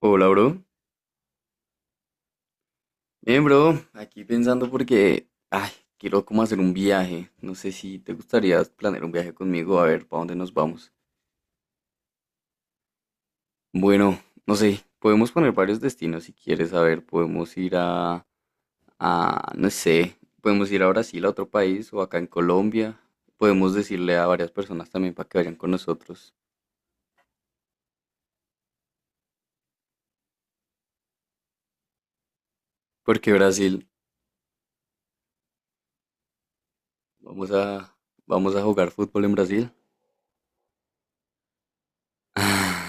Hola, bro. Bien, bro. Aquí pensando porque, ay, quiero como hacer un viaje. No sé si te gustaría planear un viaje conmigo, a ver, ¿para dónde nos vamos? Bueno, no sé, podemos poner varios destinos si quieres, a ver, podemos ir no sé, podemos ir a Brasil, a otro país, o acá en Colombia. Podemos decirle a varias personas también para que vayan con nosotros. Porque Brasil, vamos a, vamos a jugar fútbol en Brasil.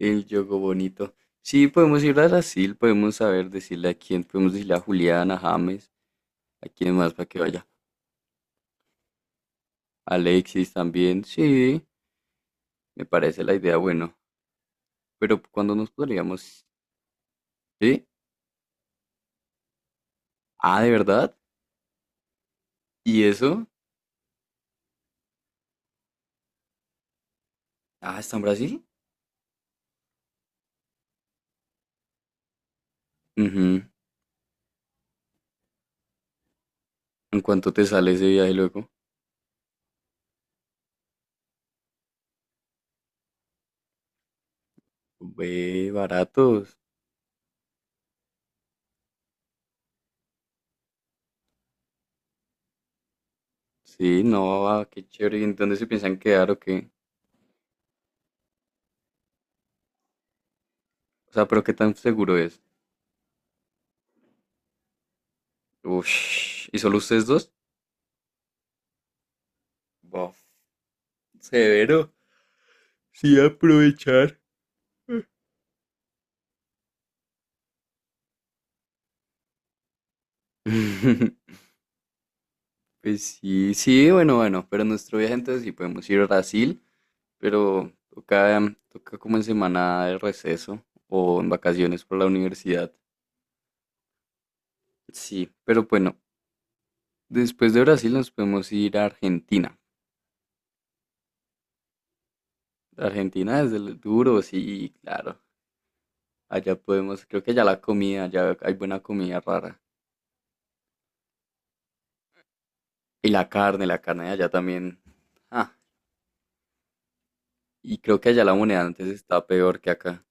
El yogo bonito. Sí, podemos ir a Brasil, podemos saber decirle a quién, podemos decirle a Julián, a James, a quién más para que vaya. Alexis también, sí, me parece la idea bueno. Pero ¿cuándo nos podríamos? ¿Sí? Ah, ¿de verdad? ¿Y eso? Ah, ¿está en Brasil? Ujú. ¿En cuánto te sale ese viaje luego? Ve, baratos. Sí, no, ah, qué chévere. ¿Y en dónde se piensan quedar o qué? O sea, pero ¿qué tan seguro es? Ush. ¿Y solo ustedes dos? Bof, severo. Sí, aprovechar. Pues sí, sí, bueno, bueno, pero nuestro viaje entonces sí podemos ir a Brasil, pero toca, toca como en semana de receso o en vacaciones por la universidad. Sí, pero bueno, después de Brasil nos podemos ir a Argentina. Argentina es el duro, sí, claro. Allá podemos, creo que allá la comida, allá hay buena comida rara. Y la carne de allá también. Ah, y creo que allá la moneda antes está peor que acá.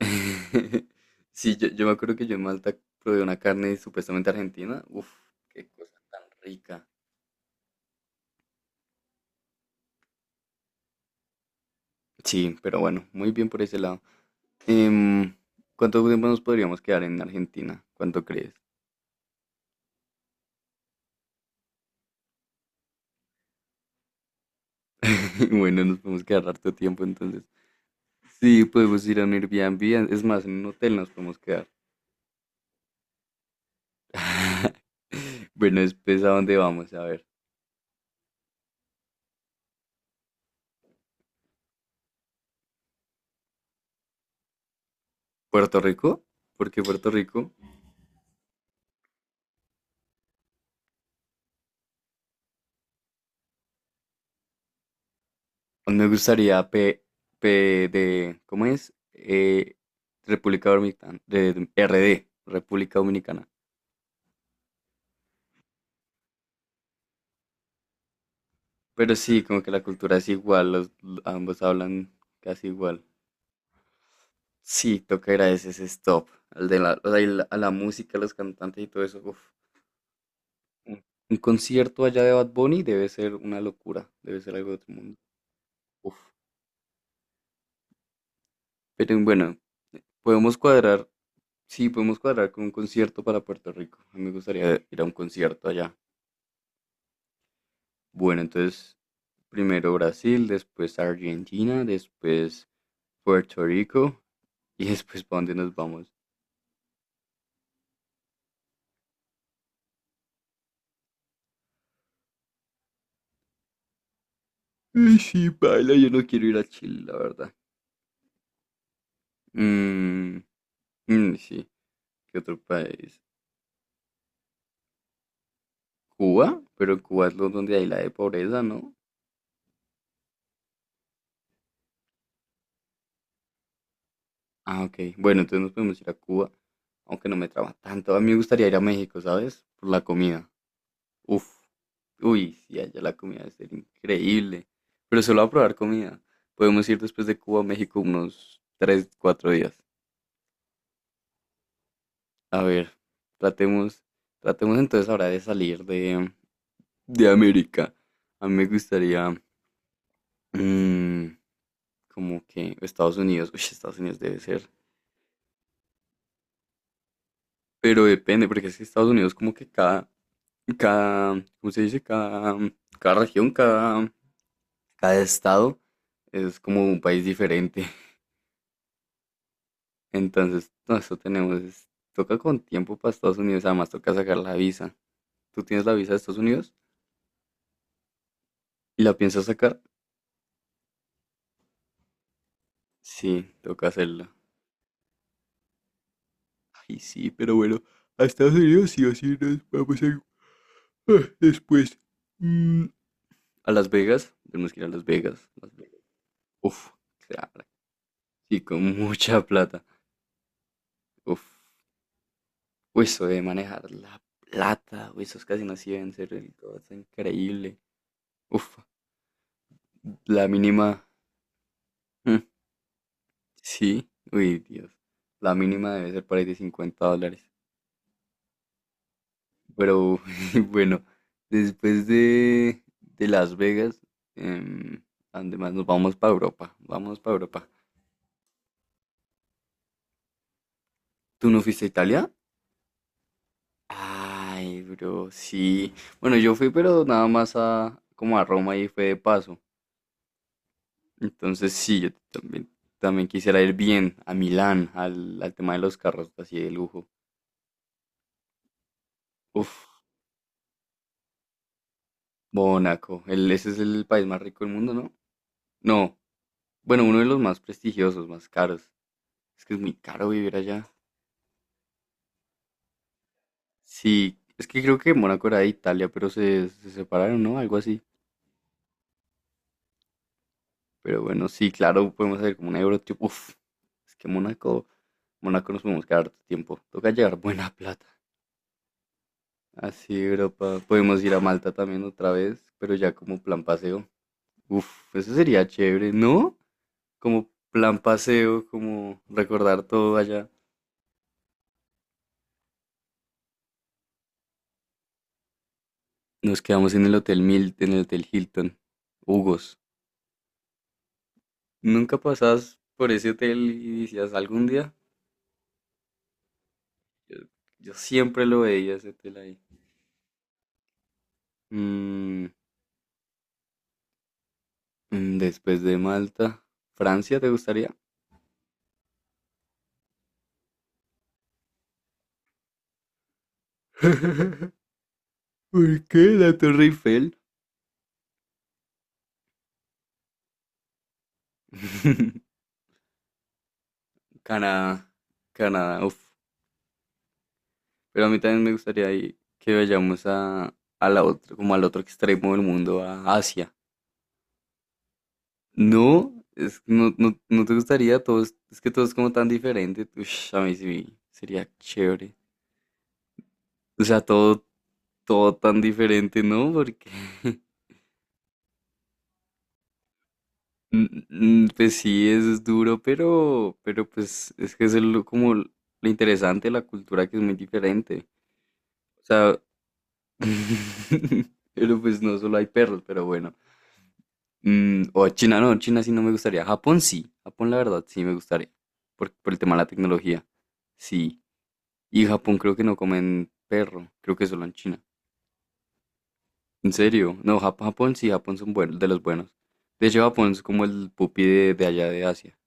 Sí, yo me acuerdo que yo en Malta probé una carne supuestamente argentina. Uf, qué cosa tan rica. Sí, pero bueno, muy bien por ese lado. Em, ¿Cuánto tiempo nos podríamos quedar en Argentina? ¿Cuánto crees? Bueno, nos podemos quedar harto tiempo entonces. Sí, podemos ir a un Airbnb, es más, en un hotel nos podemos quedar. Bueno, después, ¿a dónde vamos? A ver, ¿Puerto Rico? ¿Por qué Puerto Rico? Me gustaría P, P de, ¿cómo es? República Dominicana, de- RD, República Dominicana. Pero sí, como que la cultura es igual, los, ambos hablan casi igual. Sí, toca ir a ese stop, al de la, o sea, y la- a la música, a los cantantes y todo eso. Uf. Un un concierto allá de Bad Bunny debe ser una locura, debe ser algo de otro mundo. Uf. Pero bueno, podemos cuadrar, sí, podemos cuadrar con un concierto para Puerto Rico. A mí me gustaría ir a un concierto allá. Bueno, entonces primero Brasil, después Argentina, después Puerto Rico, y después ¿para dónde nos vamos? Uy, sí, baila, yo no quiero ir a Chile, la verdad. Mm, sí, ¿qué otro país? Cuba, pero Cuba es lo donde hay la de pobreza, ¿no? Ah, ok. Bueno, entonces nos podemos ir a Cuba, aunque no me traba tanto. A mí me gustaría ir a México, ¿sabes? Por la comida. Uf. Uy, sí, allá la comida debe ser increíble. Pero solo a probar comida. Podemos ir después de Cuba a México unos 3, 4 días. A ver, tratemos, tratemos entonces ahora de salir de América. A mí me gustaría, mm, como que Estados Unidos, uy, Estados Unidos debe ser. Pero depende, porque es que Estados Unidos como que ¿cómo se dice? Cada región, cada estado es como un país diferente. Entonces, no, eso tenemos, es- toca con tiempo para Estados Unidos, además toca sacar la visa. ¿Tú tienes la visa de Estados Unidos? ¿Y la piensas sacar? Sí, toca hacerla. Ay, sí, pero bueno, a Estados Unidos sí o sí nos vamos a... ah, después. mm, a Las Vegas, tenemos que ir a Las Vegas. Las Vegas. Uf, claro, sí, con mucha plata. Uf, uy, eso de manejar la plata, uy, esos casinos sí deben ser el- todo está increíble. Uf, la mínima... mm, sí, uy, Dios. La mínima debe ser por ahí de $50. Pero bueno, después de Las Vegas, em, ¿a dónde más nos vamos para Europa? Vamos para Europa. ¿Tú no fuiste a Italia? Ay, bro, sí. Bueno, yo fui, pero nada más a como a Roma y fue de paso. Entonces sí, también quisiera ir bien a Milán, al tema de los carros así de lujo. Uf, Mónaco. El, ese es el país más rico del mundo, ¿no? No, bueno, uno de los más prestigiosos, más caros. Es que es muy caro vivir allá. Sí, es que creo que Mónaco era de Italia, pero se separaron, ¿no? Algo así. Pero bueno, sí, claro, podemos hacer como un euro, tipo, uf, es que Mónaco nos podemos quedar harto tiempo. Toca llevar buena plata. Así, Europa. Podemos ir a Malta también otra vez, pero ya como plan paseo. Uf, eso sería chévere, ¿no? Como plan paseo, como recordar todo allá. Nos quedamos en el Hotel Mil, en el Hotel Hilton. Hugos. Nunca pasabas por ese hotel y decías algún día. Yo, yo siempre lo veía ese hotel ahí. Mm, después de Malta, Francia, ¿te gustaría? ¿Por qué la Torre Eiffel? Canadá, Canadá, uff. Pero a mí también me gustaría ahí que vayamos a la otra, como al otro extremo del mundo, a Asia. No, es, no, no, no te gustaría, todo es que todo es como tan diferente. Ush, a mí sí, sería chévere. O sea, todo, todo tan diferente, ¿no? Porque, n- n- pues sí, es duro, pero pues es que es el- como lo interesante de la cultura que es muy diferente. O sea, pero pues no solo hay perros, pero bueno. Mm, o China, no, China sí no me gustaría. Japón sí, Japón la verdad sí me gustaría, por el tema de la tecnología. Sí, y Japón creo que no comen perro, creo que solo en China. En serio, no, Jap- Japón sí, Japón son buenos, de los buenos. De hecho, Japón es como el pupi de allá de Asia.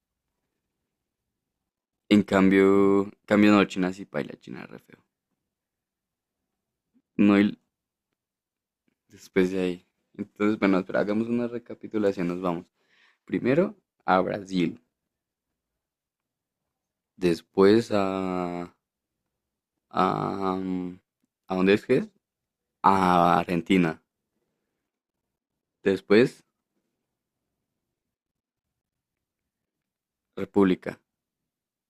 En cambio, cambio no, China sí paila, China es re feo. No, y después de ahí. Entonces, bueno, espera, hagamos una recapitulación, nos vamos. Primero a Brasil, después a, mm, ¿a dónde es que es? A Argentina, después República,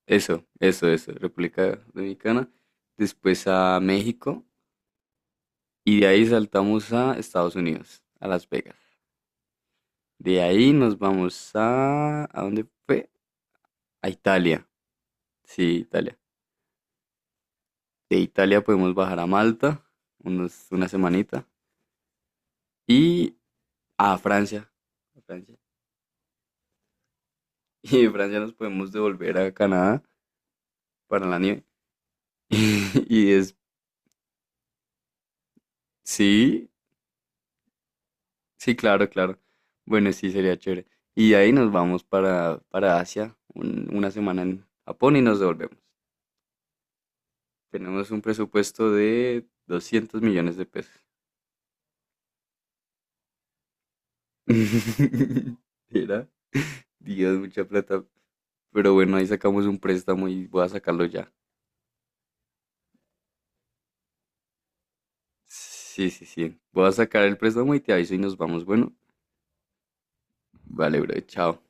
eso, República Dominicana, después a México, y de ahí saltamos a Estados Unidos, a Las Vegas. De ahí nos vamos a... ¿A dónde fue? A Italia. Sí, Italia. De Italia podemos bajar a Malta, una semanita. Y a Francia. A Francia. Y de Francia nos podemos devolver a Canadá para la nieve. Y es... Sí, sí, claro, claro. Bueno, sí, sería chévere. Y de ahí nos vamos para Asia, un- 1 semana en Japón y nos devolvemos. Tenemos un presupuesto de $200 millones. Era Dios, mucha plata. Pero bueno, ahí sacamos un préstamo y voy a sacarlo ya. Sí, sí, sí. Voy a sacar el préstamo y te aviso y nos vamos. Bueno, vale, bro, chao.